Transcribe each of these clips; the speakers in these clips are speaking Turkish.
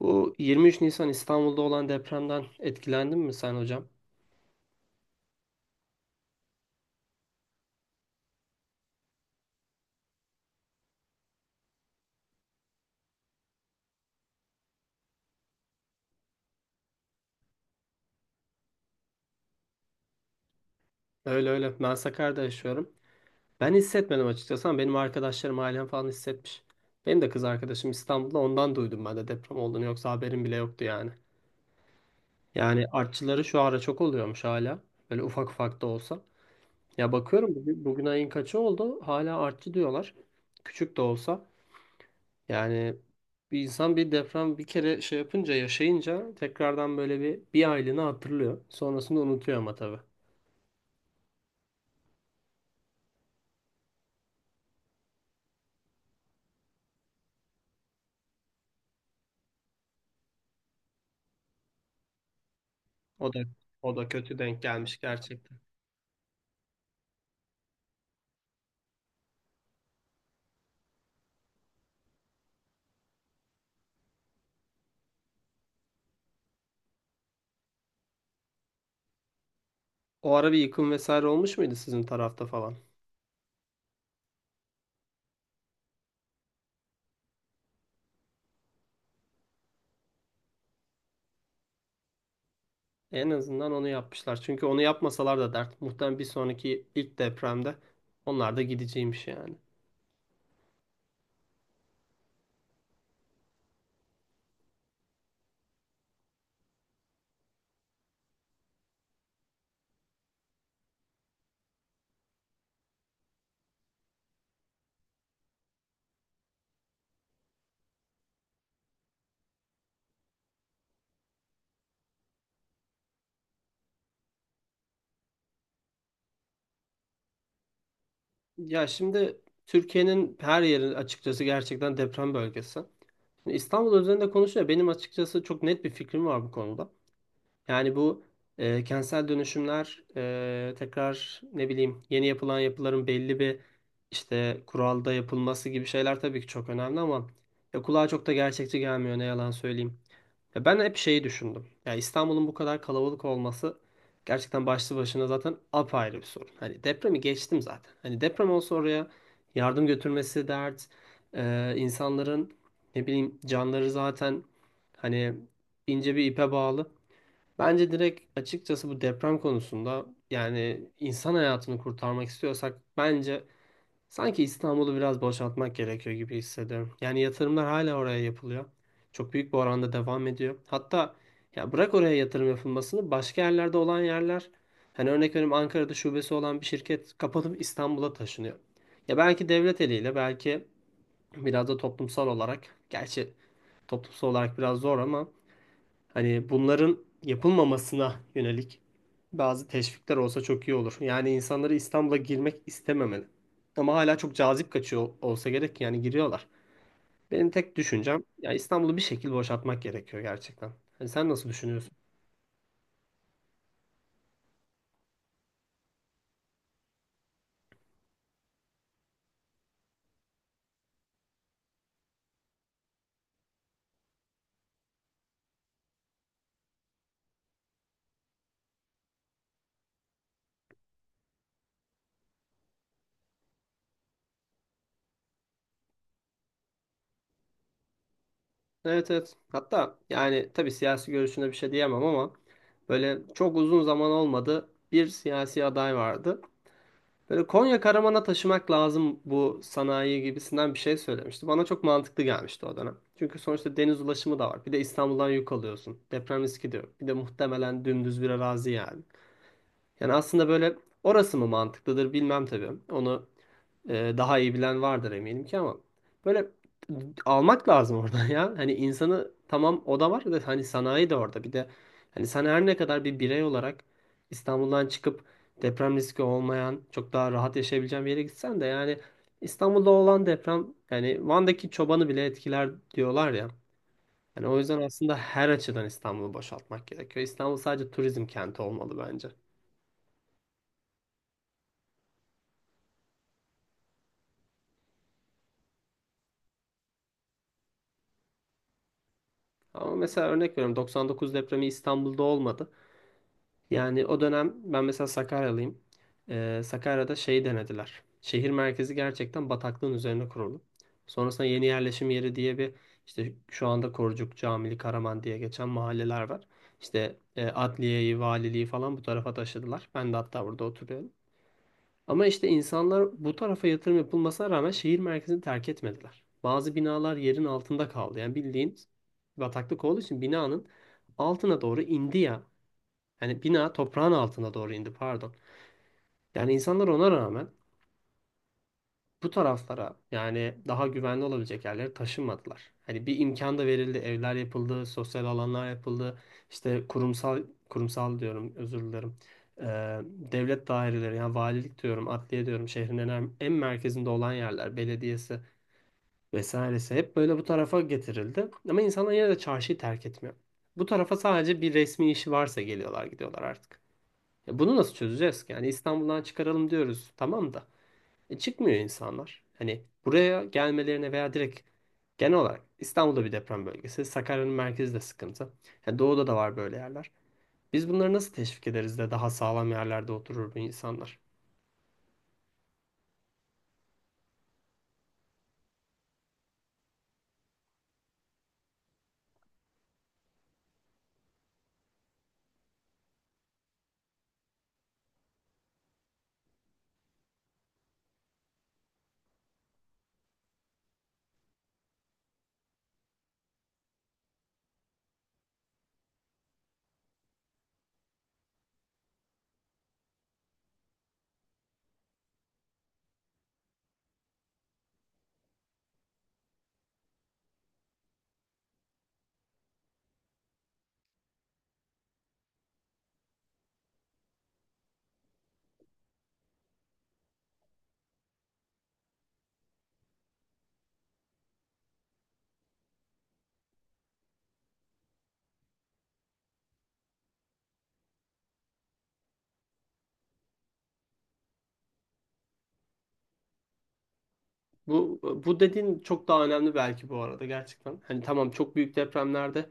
Bu 23 Nisan İstanbul'da olan depremden etkilendin mi sen hocam? Öyle öyle. Ben Sakarya'da yaşıyorum. Ben hissetmedim açıkçası ama benim arkadaşlarım, ailem falan hissetmiş. Benim de kız arkadaşım İstanbul'da, ondan duydum ben de deprem olduğunu. Yoksa haberim bile yoktu yani. Yani artçıları şu ara çok oluyormuş hala. Böyle ufak ufak da olsa. Ya bakıyorum bugün, bugün ayın kaçı oldu? Hala artçı diyorlar. Küçük de olsa. Yani bir insan bir deprem bir kere şey yapınca, yaşayınca tekrardan böyle bir aylığını hatırlıyor. Sonrasında unutuyor ama tabii. O da o da kötü denk gelmiş gerçekten. O ara bir yıkım vesaire olmuş muydu sizin tarafta falan? En azından onu yapmışlar. Çünkü onu yapmasalar da dert. Muhtemelen bir sonraki ilk depremde onlar da gideceğiymiş yani. Ya şimdi Türkiye'nin her yeri açıkçası gerçekten deprem bölgesi. Şimdi İstanbul üzerinde konuşuyor. Benim açıkçası çok net bir fikrim var bu konuda. Yani bu kentsel dönüşümler, tekrar ne bileyim yeni yapılan yapıların belli bir işte kuralda yapılması gibi şeyler tabii ki çok önemli ama ya kulağa çok da gerçekçi gelmiyor, ne yalan söyleyeyim. Ya ben hep şeyi düşündüm. Ya İstanbul'un bu kadar kalabalık olması gerçekten başlı başına zaten apayrı bir sorun. Hani depremi geçtim zaten. Hani deprem olsa oraya yardım götürmesi dert. İnsanların ne bileyim canları zaten hani ince bir ipe bağlı. Bence direkt açıkçası bu deprem konusunda, yani insan hayatını kurtarmak istiyorsak, bence sanki İstanbul'u biraz boşaltmak gerekiyor gibi hissediyorum. Yani yatırımlar hala oraya yapılıyor. Çok büyük bir oranda devam ediyor. Hatta ya bırak oraya yatırım yapılmasını, başka yerlerde olan yerler, hani örnek veriyorum, Ankara'da şubesi olan bir şirket kapatıp İstanbul'a taşınıyor. Ya belki devlet eliyle, belki biraz da toplumsal olarak, gerçi toplumsal olarak biraz zor ama hani bunların yapılmamasına yönelik bazı teşvikler olsa çok iyi olur. Yani insanları İstanbul'a girmek istememeli. Ama hala çok cazip kaçıyor olsa gerek ki yani giriyorlar. Benim tek düşüncem ya İstanbul'u bir şekilde boşaltmak gerekiyor gerçekten. Hani sen nasıl düşünüyorsun? Evet evet. Hatta yani tabii siyasi görüşüne bir şey diyemem ama böyle çok uzun zaman olmadı, bir siyasi aday vardı. Böyle Konya Karaman'a taşımak lazım bu sanayi gibisinden bir şey söylemişti. Bana çok mantıklı gelmişti o dönem. Çünkü sonuçta deniz ulaşımı da var. Bir de İstanbul'dan yük alıyorsun. Deprem riski de yok. Bir de muhtemelen dümdüz bir arazi yani. Yani aslında böyle, orası mı mantıklıdır bilmem tabii. Onu daha iyi bilen vardır eminim ki, ama böyle almak lazım oradan ya. Hani insanı, tamam o da var da, hani sanayi de orada. Bir de hani sen her ne kadar bir birey olarak İstanbul'dan çıkıp deprem riski olmayan, çok daha rahat yaşayabileceğin bir yere gitsen de, yani İstanbul'da olan deprem yani Van'daki çobanı bile etkiler diyorlar ya. Yani o yüzden aslında her açıdan İstanbul'u boşaltmak gerekiyor. İstanbul sadece turizm kenti olmalı bence. Ama mesela örnek veriyorum, 99 depremi İstanbul'da olmadı. Yani o dönem ben mesela Sakaryalıyım. Sakarya'da şeyi denediler. Şehir merkezi gerçekten bataklığın üzerine kuruldu. Sonrasında yeni yerleşim yeri diye bir, işte şu anda Korucuk, Camili, Karaman diye geçen mahalleler var. İşte adliyeyi, valiliği falan bu tarafa taşıdılar. Ben de hatta burada oturuyorum. Ama işte insanlar bu tarafa yatırım yapılmasına rağmen şehir merkezini terk etmediler. Bazı binalar yerin altında kaldı. Yani bildiğin, bataklık olduğu için binanın altına doğru indi ya. Yani bina toprağın altına doğru indi, pardon. Yani insanlar ona rağmen bu taraflara, yani daha güvenli olabilecek yerlere taşınmadılar. Hani bir imkan da verildi, evler yapıldı, sosyal alanlar yapıldı. İşte kurumsal diyorum, özür dilerim. Ee, Devlet daireleri yani, valilik diyorum, adliye diyorum, şehrin en merkezinde olan yerler, belediyesi vesairesi hep böyle bu tarafa getirildi. Ama insanlar yine de çarşıyı terk etmiyor. Bu tarafa sadece bir resmi işi varsa geliyorlar, gidiyorlar artık. Ya bunu nasıl çözeceğiz ki? Yani İstanbul'dan çıkaralım diyoruz, tamam da. E, çıkmıyor insanlar. Hani buraya gelmelerine veya direkt genel olarak, İstanbul'da bir deprem bölgesi, Sakarya'nın merkezi de sıkıntı. Yani doğuda da var böyle yerler. Biz bunları nasıl teşvik ederiz de daha sağlam yerlerde oturur bu insanlar? Bu bu dediğin çok daha önemli belki, bu arada, gerçekten. Hani tamam, çok büyük depremlerde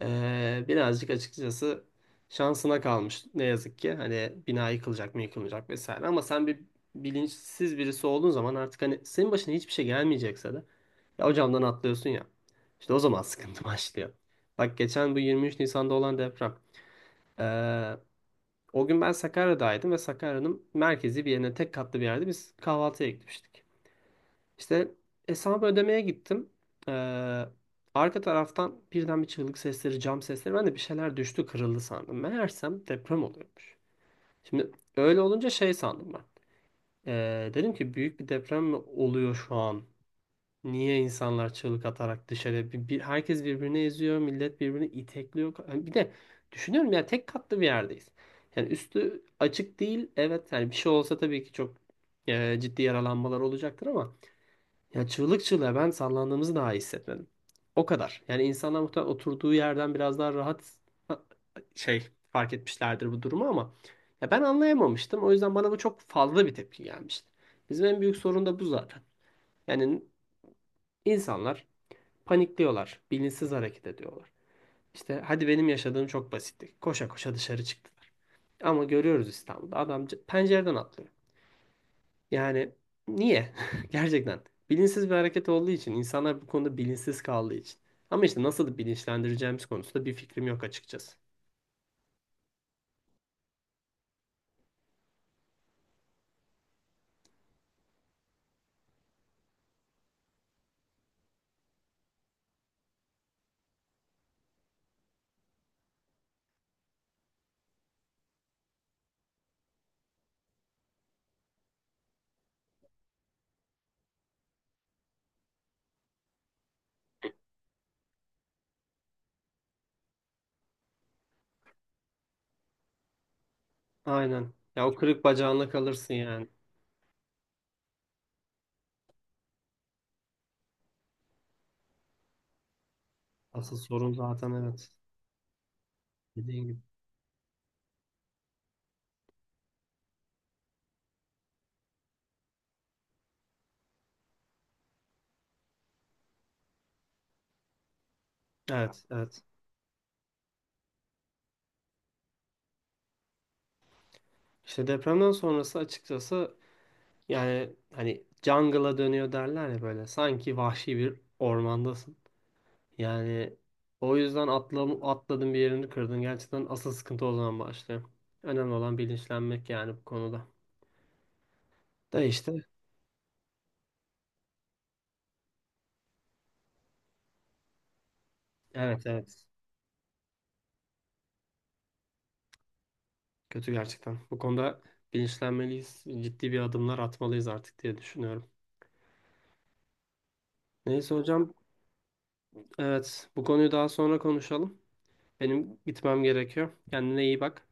birazcık açıkçası şansına kalmış ne yazık ki. Hani bina yıkılacak mı, yıkılmayacak vesaire, ama sen bir bilinçsiz birisi olduğun zaman artık hani senin başına hiçbir şey gelmeyecekse de ya o camdan atlıyorsun ya. İşte o zaman sıkıntı başlıyor. Bak geçen bu 23 Nisan'da olan deprem. Ee, O gün ben Sakarya'daydım ve Sakarya'nın merkezi bir yerine, tek katlı bir yerde biz kahvaltıya gitmiştik. İşte hesabı ödemeye gittim. Ee, Arka taraftan birden bir çığlık sesleri, cam sesleri. Ben de bir şeyler düştü, kırıldı sandım. Meğersem deprem oluyormuş. Şimdi öyle olunca şey sandım ben. Dedim ki büyük bir deprem mi oluyor şu an? Niye insanlar çığlık atarak dışarıya herkes birbirini eziyor, millet birbirini itekliyor. Yani bir de düşünüyorum ya, tek katlı bir yerdeyiz. Yani üstü açık değil. Evet yani bir şey olsa tabii ki çok ciddi yaralanmalar olacaktır ama ya çığlık çığlığa, ben sallandığımızı daha iyi hissetmedim. O kadar. Yani insanlar muhtemelen oturduğu yerden biraz daha rahat, ha, şey fark etmişlerdir bu durumu, ama ya ben anlayamamıştım. O yüzden bana bu çok fazla bir tepki gelmişti. Bizim en büyük sorun da bu zaten. Yani insanlar panikliyorlar. Bilinçsiz hareket ediyorlar. İşte hadi benim yaşadığım çok basitti. Koşa koşa dışarı çıktılar. Ama görüyoruz, İstanbul'da adam pencereden atlıyor. Yani niye? Gerçekten. Bilinçsiz bir hareket olduğu için, insanlar bu konuda bilinçsiz kaldığı için. Ama işte nasıl bilinçlendireceğimiz konusunda bir fikrim yok açıkçası. Aynen. Ya o kırık bacağınla kalırsın yani. Asıl sorun zaten, evet. Dediğin gibi. Evet, evet. İşte depremden sonrası açıkçası, yani hani jungle'a dönüyor derler ya böyle. Sanki vahşi bir ormandasın. Yani o yüzden atla, atladın, bir yerini kırdın. Gerçekten asıl sıkıntı o zaman başlıyor. Önemli olan bilinçlenmek yani bu konuda. Da işte evet, evet. Kötü gerçekten. Bu konuda bilinçlenmeliyiz. Ciddi bir adımlar atmalıyız artık diye düşünüyorum. Neyse hocam. Evet, bu konuyu daha sonra konuşalım. Benim gitmem gerekiyor. Kendine iyi bak.